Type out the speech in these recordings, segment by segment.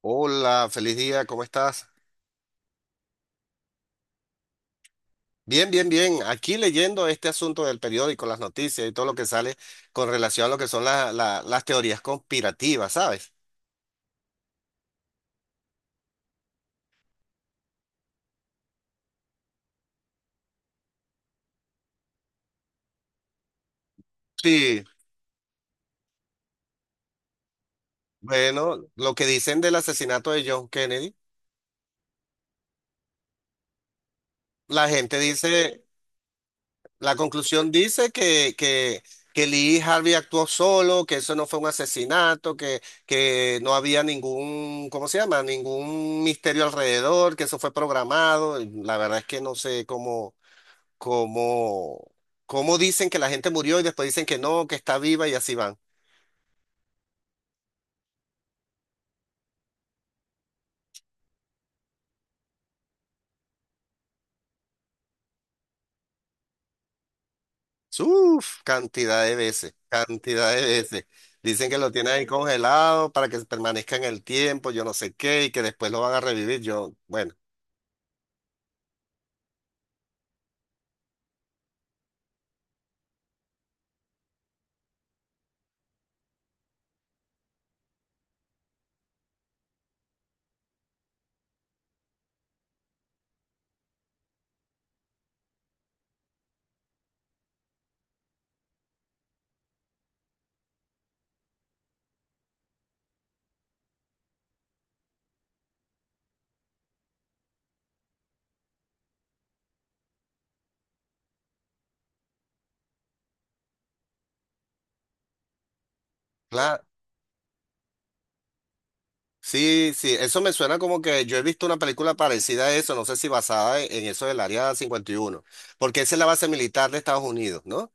Hola, feliz día, ¿cómo estás? Bien. Aquí leyendo este asunto del periódico, las noticias y todo lo que sale con relación a lo que son las teorías conspirativas, ¿sabes? Sí. Bueno, lo que dicen del asesinato de John Kennedy, la gente dice, la conclusión dice que Lee Harvey actuó solo, que eso no fue un asesinato, que no había ningún, ¿cómo se llama? Ningún misterio alrededor, que eso fue programado. La verdad es que no sé cómo. Como Cómo dicen que la gente murió y después dicen que no, que está viva y así van. Uf, cantidad de veces, cantidad de veces. Dicen que lo tienen ahí congelado para que permanezca en el tiempo, yo no sé qué, y que después lo van a revivir. Yo, bueno, claro, sí, sí, eso me suena como que yo he visto una película parecida a eso, no sé si basada en eso del Área 51, porque esa es la base militar de Estados Unidos, ¿no?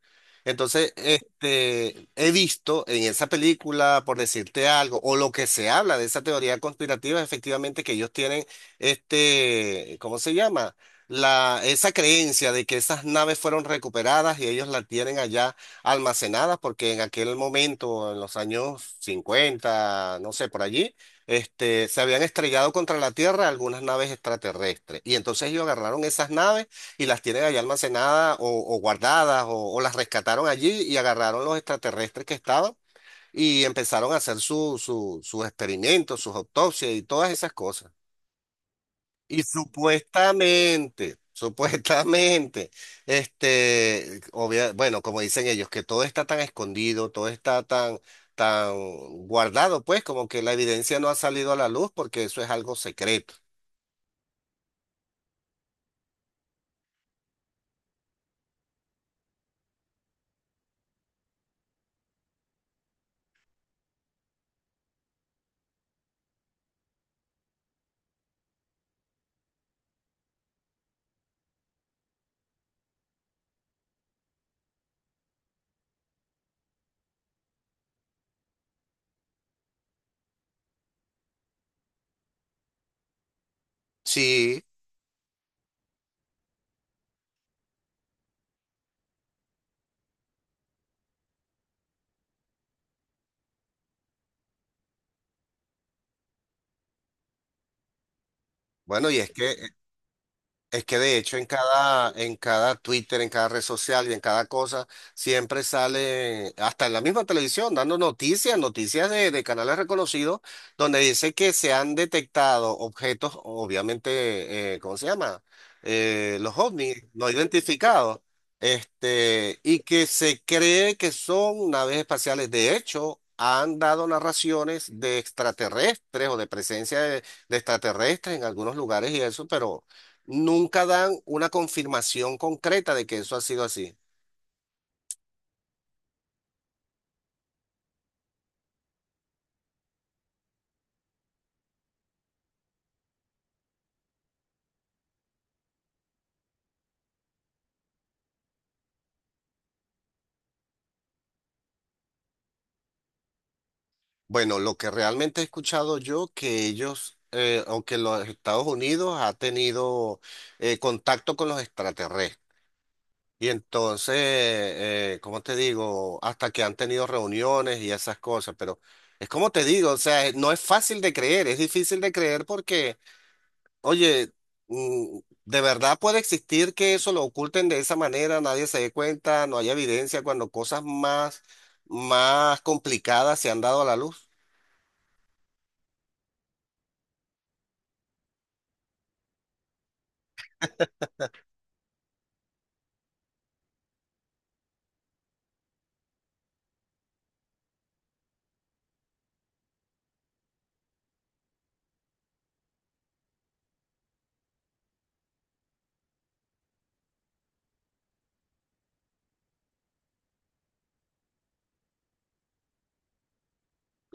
Entonces, he visto en esa película, por decirte algo, o lo que se habla de esa teoría conspirativa, es efectivamente que ellos tienen ¿cómo se llama? La, esa creencia de que esas naves fueron recuperadas y ellos las tienen allá almacenadas, porque en aquel momento, en los años 50, no sé, por allí se habían estrellado contra la Tierra algunas naves extraterrestres. Y entonces ellos agarraron esas naves y las tienen allá almacenadas o guardadas o las rescataron allí y agarraron los extraterrestres que estaban y empezaron a hacer su, sus experimentos, sus autopsias y todas esas cosas. Y supuestamente, supuestamente, bueno, como dicen ellos, que todo está tan escondido, todo está tan, tan guardado, pues, como que la evidencia no ha salido a la luz porque eso es algo secreto. Sí, bueno, y es que es que de hecho en cada Twitter, en cada red social y en cada cosa, siempre sale, hasta en la misma televisión, dando noticias, noticias de canales reconocidos, donde dice que se han detectado objetos, obviamente, ¿cómo se llama? Los ovnis no identificados, y que se cree que son naves espaciales. De hecho, han dado narraciones de extraterrestres o de presencia de extraterrestres en algunos lugares y eso, pero nunca dan una confirmación concreta de que eso ha sido así. Bueno, lo que realmente he escuchado yo, que ellos, o que los Estados Unidos ha tenido contacto con los extraterrestres. Y entonces, ¿cómo te digo? Hasta que han tenido reuniones y esas cosas, pero es como te digo, o sea, no es fácil de creer, es difícil de creer porque... Oye, mm, ¿de verdad puede existir que eso lo oculten de esa manera, nadie se dé cuenta, no haya evidencia cuando cosas más, más complicadas se han dado a la luz?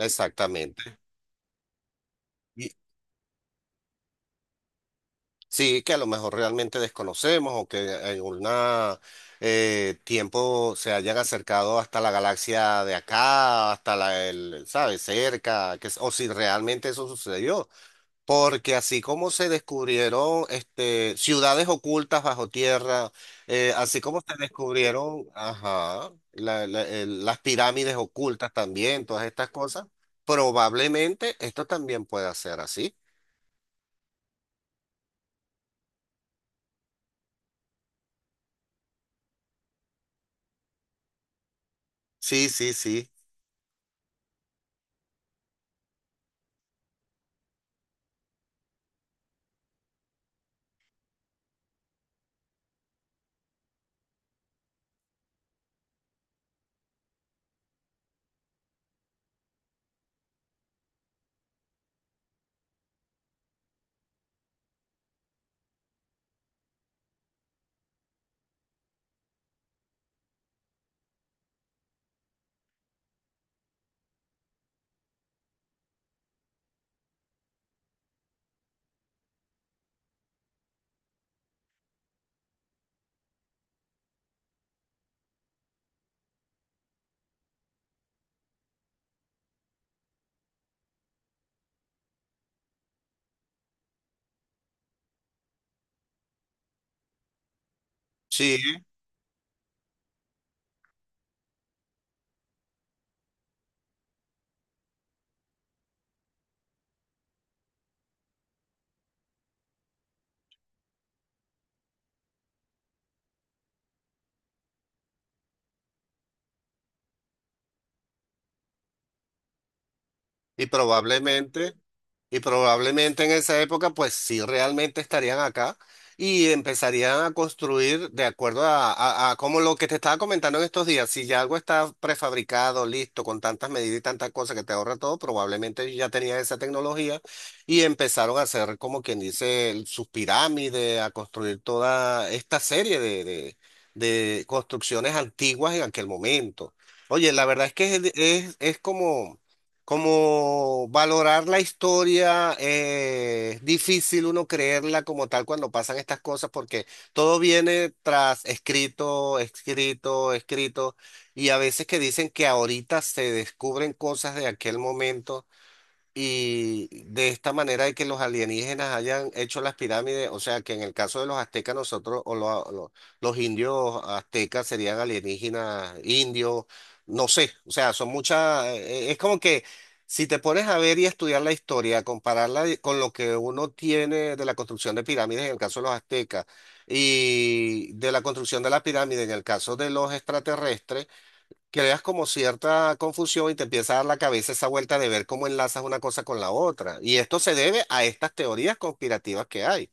Exactamente. Y sí, que a lo mejor realmente desconocemos o que en algún tiempo se hayan acercado hasta la galaxia de acá, hasta la, el, ¿sabes? Cerca, que, es- o si realmente eso sucedió. Porque así como se descubrieron ciudades ocultas bajo tierra, así como se descubrieron ajá, las pirámides ocultas también, todas estas cosas, probablemente esto también pueda ser así. Sí, sí, sí. Sí, y probablemente, y probablemente en esa época, pues sí realmente estarían acá y empezarían a construir de acuerdo a, a como lo que te estaba comentando en estos días. Si ya algo está prefabricado, listo, con tantas medidas y tantas cosas que te ahorra todo, probablemente ellos ya tenían esa tecnología y empezaron a hacer, como quien dice, sus pirámides, a construir toda esta serie de construcciones antiguas en aquel momento. Oye, la verdad es que es como... Como valorar la historia, es difícil uno creerla como tal cuando pasan estas cosas porque todo viene tras escrito y a veces que dicen que ahorita se descubren cosas de aquel momento. Y de esta manera de que los alienígenas hayan hecho las pirámides, o sea que en el caso de los aztecas nosotros, o los indios aztecas serían alienígenas, indios, no sé, o sea, son muchas, es como que si te pones a ver y estudiar la historia, compararla con lo que uno tiene de la construcción de pirámides en el caso de los aztecas y de la construcción de la pirámide en el caso de los extraterrestres, creas como cierta confusión y te empieza a dar la cabeza esa vuelta de ver cómo enlazas una cosa con la otra. Y esto se debe a estas teorías conspirativas que hay.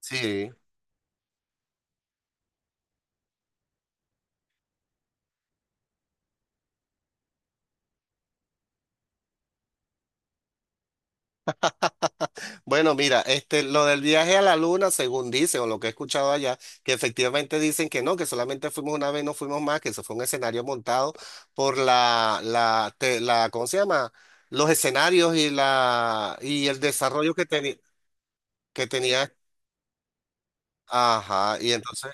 Sí. Bueno, mira, lo del viaje a la luna, según dicen, o lo que he escuchado allá, que efectivamente dicen que no, que solamente fuimos una vez, no fuimos más, que eso fue un escenario montado por la, ¿cómo se llama? Los escenarios y la, y el desarrollo que tenía, ajá, y entonces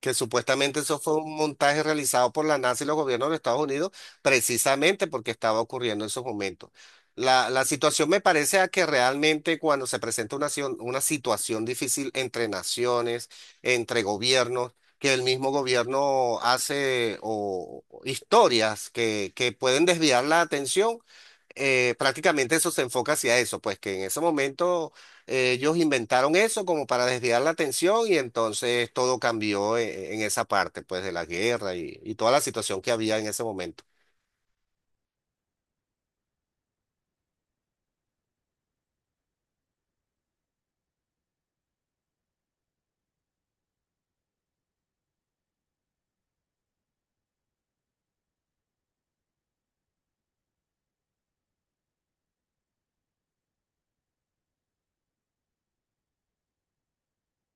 que supuestamente eso fue un montaje realizado por la NASA y los gobiernos de Estados Unidos, precisamente porque estaba ocurriendo en esos momentos. La situación me parece a que realmente cuando se presenta una situación difícil entre naciones, entre gobiernos, que el mismo gobierno hace o historias que pueden desviar la atención, prácticamente eso se enfoca hacia eso, pues que en ese momento ellos inventaron eso como para desviar la atención y entonces todo cambió en esa parte, pues, de la guerra y toda la situación que había en ese momento.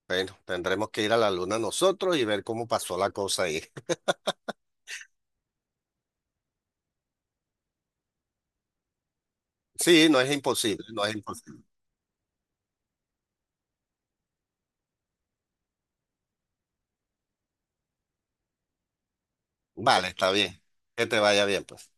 Bueno, tendremos que ir a la luna nosotros y ver cómo pasó la cosa ahí. Sí, no es imposible, no es imposible. Vale, está bien. Que te vaya bien, pues.